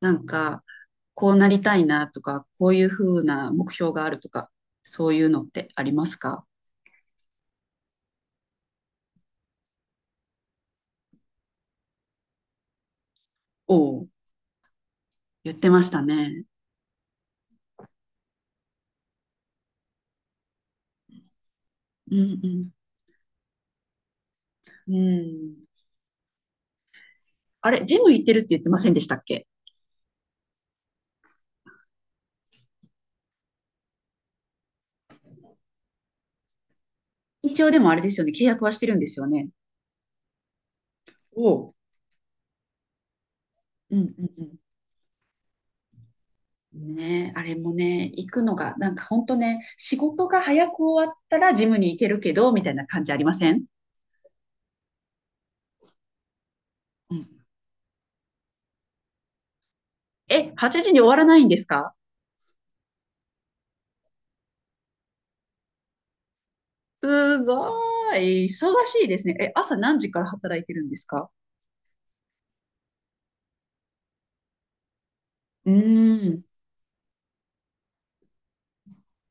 なんか、こうなりたいなとか、こういうふうな目標があるとか、そういうのってありますか？おお、言ってましたね。うんうん。うん。あれ、ジム行ってるって言ってませんでしたっけ？一応でもあれですよね、契約はしてるんですよね。おう、うんうんうん。ねえ、あれもね、行くのが、なんか本当ね、仕事が早く終わったらジムに行けるけど、みたいな感じありません？うん。え、8時に終わらないんですか？すごい。忙しいですね。え、朝何時から働いてるんですか？うーん。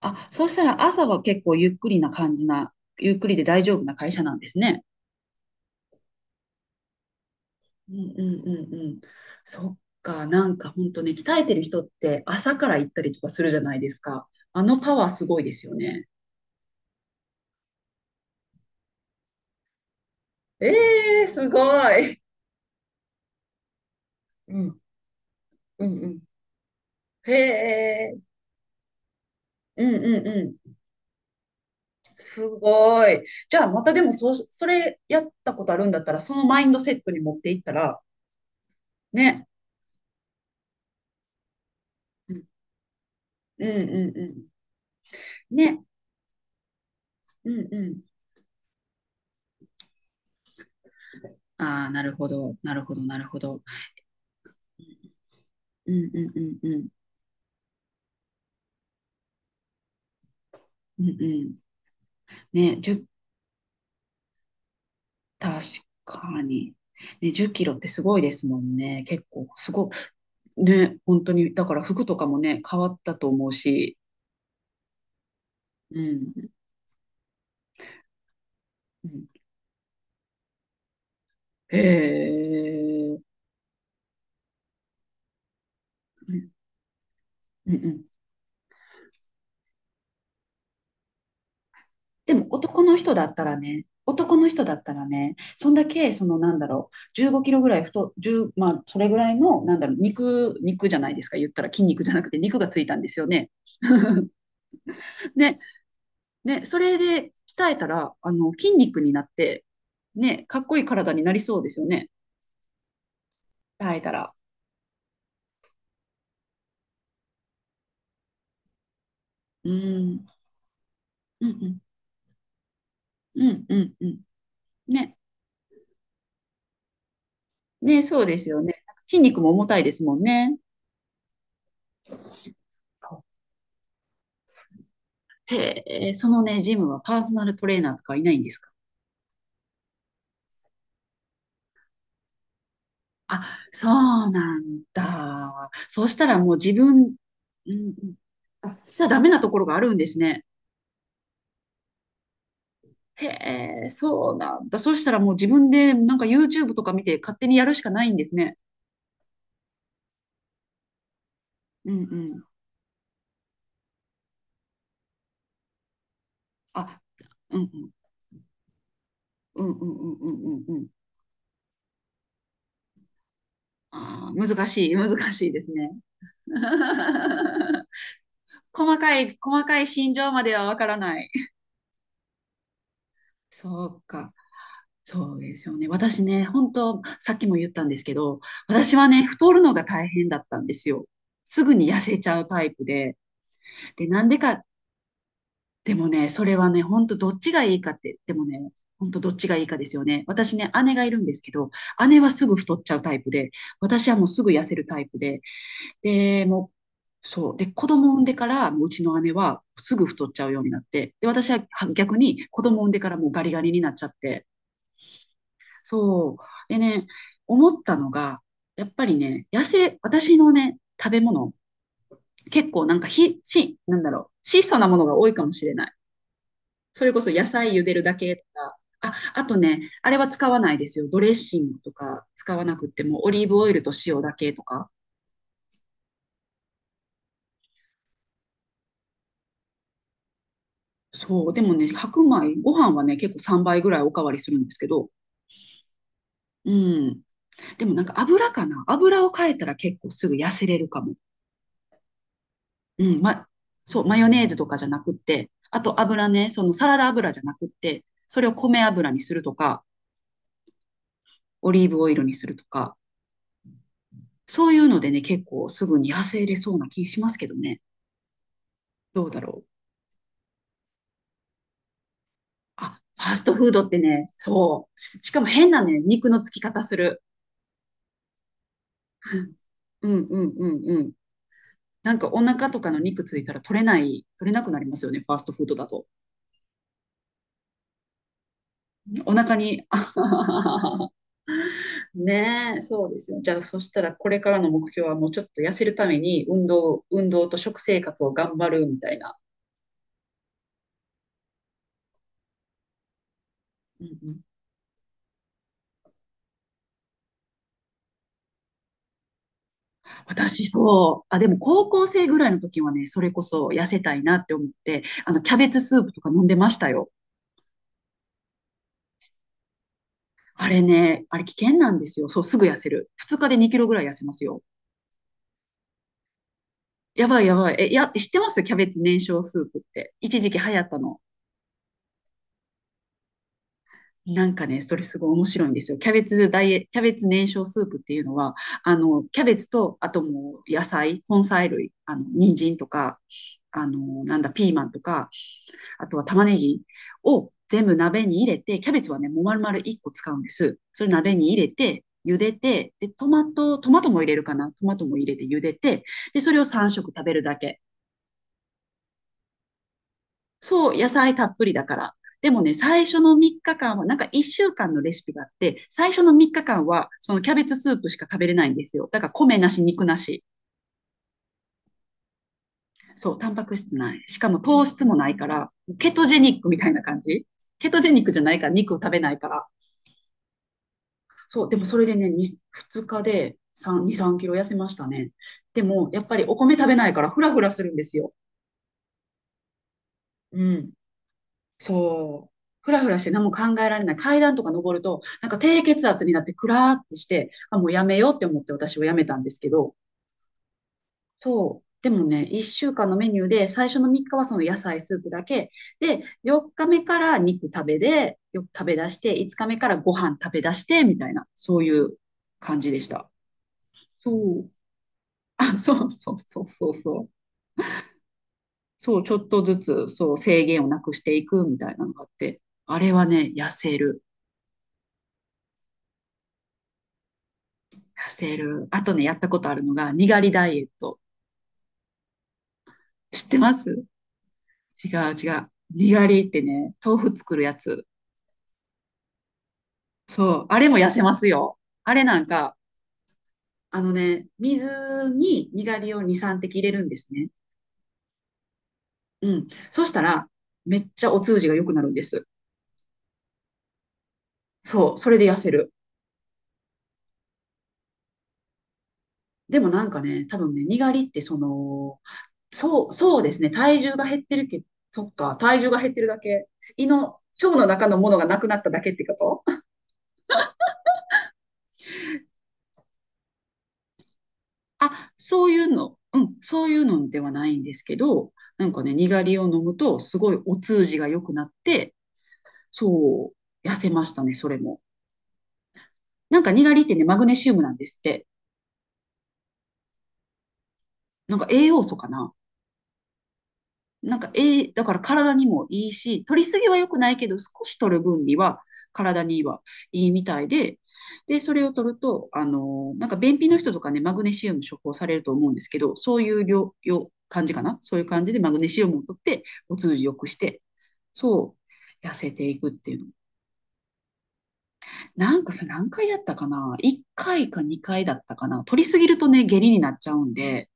あ、そうしたら朝は結構ゆっくりで大丈夫な会社なんですね。うんうんうんうん。そっか、なんか本当ね、鍛えてる人って朝から行ったりとかするじゃないですか。あのパワーすごいですよね。えー、すごい。うんうんうん。へえ、うんうんうん。すごい。じゃあ、またでもそう、それやったことあるんだったら、そのマインドセットに持っていったら、ね。うん、うん、うんうん。ね。うん、うん。ああ、なるほど。なるほど、なるほど。うん、うん、うん、うん。うん、うん。ね、10、確かに。ね、10キロってすごいですもんね。結構、すごい。ね、本当に。だから服とかもね、変わったと思うし。うん、うん。へえ。うん、うん、うん。でも男の人だったらね、男の人だったらね、そんだけ、そのなんだろう、15キロぐらい太、1まあ、それぐらいの、なんだろう、肉じゃないですか、言ったら筋肉じゃなくて肉がついたんですよね。ね、ね、それで鍛えたら、あの、筋肉になって、ね、かっこいい体になりそうですよね、鍛えたら。うーん、うん、うん、うん、うんうん。ね、ね、そうですよね。筋肉も重たいですもんね。へえ、そのね、ジムはパーソナルトレーナーとかいないんですか？あ、そうなんだ。そうしたらもう自分、うん、あ、しちゃダメなところがあるんですね。へえ、そうなんだ。そうしたらもう自分でなんか YouTube とか見て勝手にやるしかないんですね。うんうん。あ、うんうん。うんうんうんうんうんうん。ああ難しい、難しいですね。細かい、細かい心情まではわからない。そうか。そうですよね。私ね、本当、さっきも言ったんですけど、私はね、太るのが大変だったんですよ。すぐに痩せちゃうタイプで。で、なんでか、でもね、それはね、本当どっちがいいかって、でもね、本当どっちがいいかですよね。私ね、姉がいるんですけど、姉はすぐ太っちゃうタイプで、私はもうすぐ痩せるタイプで、で、もう、そう。で、子供産んでから、もううちの姉はすぐ太っちゃうようになって、で、私は逆に子供産んでからもうガリガリになっちゃって、そう。でね、思ったのが、やっぱりね、野生、私のね、食べ物、結構なんかなんだろう、質素なものが多いかもしれない。それこそ野菜茹でるだけとか、あ、あとね、あれは使わないですよ。ドレッシングとか使わなくっても、オリーブオイルと塩だけとか。そう、でもね、白米、ご飯はね、結構3倍ぐらいおかわりするんですけど、うん。でもなんか油かな。油を変えたら結構すぐ痩せれるかも。うん、ま、そう、マヨネーズとかじゃなくって、あと油ね、そのサラダ油じゃなくって、それを米油にするとか、オリーブオイルにするとか、そういうのでね、結構すぐに痩せれそうな気しますけどね。どうだろう。あ、ファーストフードってね、そう。し、しかも変なね、肉のつき方する。うんうんうんうん。なんかお腹とかの肉ついたら取れなくなりますよね、ファーストフードだと。お腹に、ねえ、そうですよ。じゃあ、そしたらこれからの目標はもうちょっと痩せるために運動と食生活を頑張るみたいな。うんうん、私そう。あ、でも高校生ぐらいの時はね、それこそ痩せたいなって思って、あの、キャベツスープとか飲んでましたよ。あれね、あれ危険なんですよ。そう、すぐ痩せる。2日で2キロぐらい痩せますよ。やばいやばい。え、や、知ってます？キャベツ燃焼スープって。一時期流行ったの。なんかね、それすごい面白いんですよ。キャベツ燃焼スープっていうのは、あの、キャベツと、あともう野菜、根菜類、あの、人参とか、あの、なんだ、ピーマンとか、あとは玉ねぎを全部鍋に入れて、キャベツはね、もう丸々1個使うんです。それ鍋に入れて、茹でて、で、トマトも入れるかな。トマトも入れて茹でて、で、それを3食食べるだけ。そう、野菜たっぷりだから。でもね、最初の3日間は、なんか1週間のレシピがあって、最初の3日間は、そのキャベツスープしか食べれないんですよ。だから米なし、肉なし。そう、タンパク質ない。しかも糖質もないから、ケトジェニックみたいな感じ。ケトジェニックじゃないから、肉を食べないから。そう、でもそれでね、2、日で3、2、3キロ痩せましたね。でも、やっぱりお米食べないから、フラフラするんですよ。うん。そう。ふらふらして何も考えられない。階段とか登ると、なんか低血圧になってクラーってして、あ、もうやめようって思って私はやめたんですけど、そう。でもね、1週間のメニューで、最初の3日はその野菜スープだけ。で、4日目から肉食べで、よく食べ出して、5日目からご飯食べ出して、みたいな、そういう感じでした。そう。あ、そうそうそうそうそう。そう、ちょっとずつ、そう、制限をなくしていくみたいなのがあって、あれはね、痩せる。痩せる。あとね、やったことあるのが、にがりダイエット。知ってます？違う違う。にがりってね、豆腐作るやつ。そう。あれも痩せますよ。あれなんか、あのね、水ににがりを2、3滴入れるんですね。うん。そしたら、めっちゃお通じが良くなるんです。そう。それで痩せる。でもなんかね、多分ね、にがりってその、そう、そうですね。体重が減ってるけど、そっか、体重が減ってるだけ。胃の、腸の中のものがなくなっただけってこと？あ、そういうの、うん、そういうのではないんですけど、なんかね、にがりを飲むと、すごいお通じが良くなって、そう、痩せましたね、それも。なんかにがりってね、マグネシウムなんですって。なんか栄養素かな。なんか、ええだから体にもいいし、取りすぎは良くないけど、少し取る分には体にはいいみたいで、で、それを取ると、なんか便秘の人とかね、マグネシウム処方されると思うんですけど、そういう量感じかな、そういう感じでマグネシウムを取って、お通じ良くして、そう、痩せていくっていうの。なんかさ、何回やったかな？ 1 回か2回だったかな。取りすぎるとね、下痢になっちゃうんで、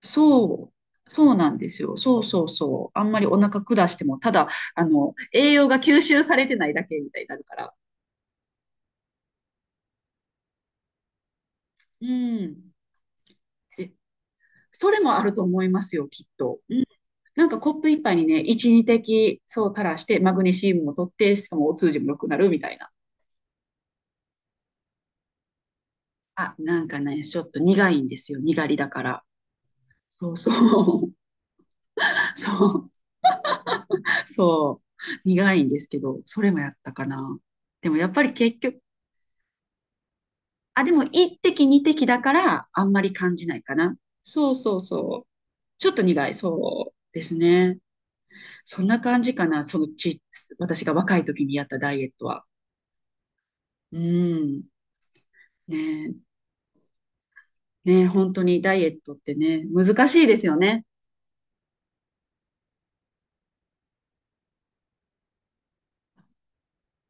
そう、そうなんですよ。そうそうそう。あんまりお腹下しても、ただ、あの、栄養が吸収されてないだけみたいになるから。うん。でそれもあると思いますよ、きっと。うん。なんかコップ一杯にね、一二滴、そう垂らして、マグネシウムも取って、しかもお通じも良くなるみたいな。あ、なんかね、ちょっと苦いんですよ、苦りだから。そうそう。そう、そう。苦いんですけど、それもやったかな。でもやっぱり結局、あ、でも一滴二滴だからあんまり感じないかな。そうそうそう。ちょっと苦い、そうですね。そんな感じかな、そのち、私が若い時にやったダイエットは。うん。ねえ、ねえ、本当にダイエットってね、難しいですよね。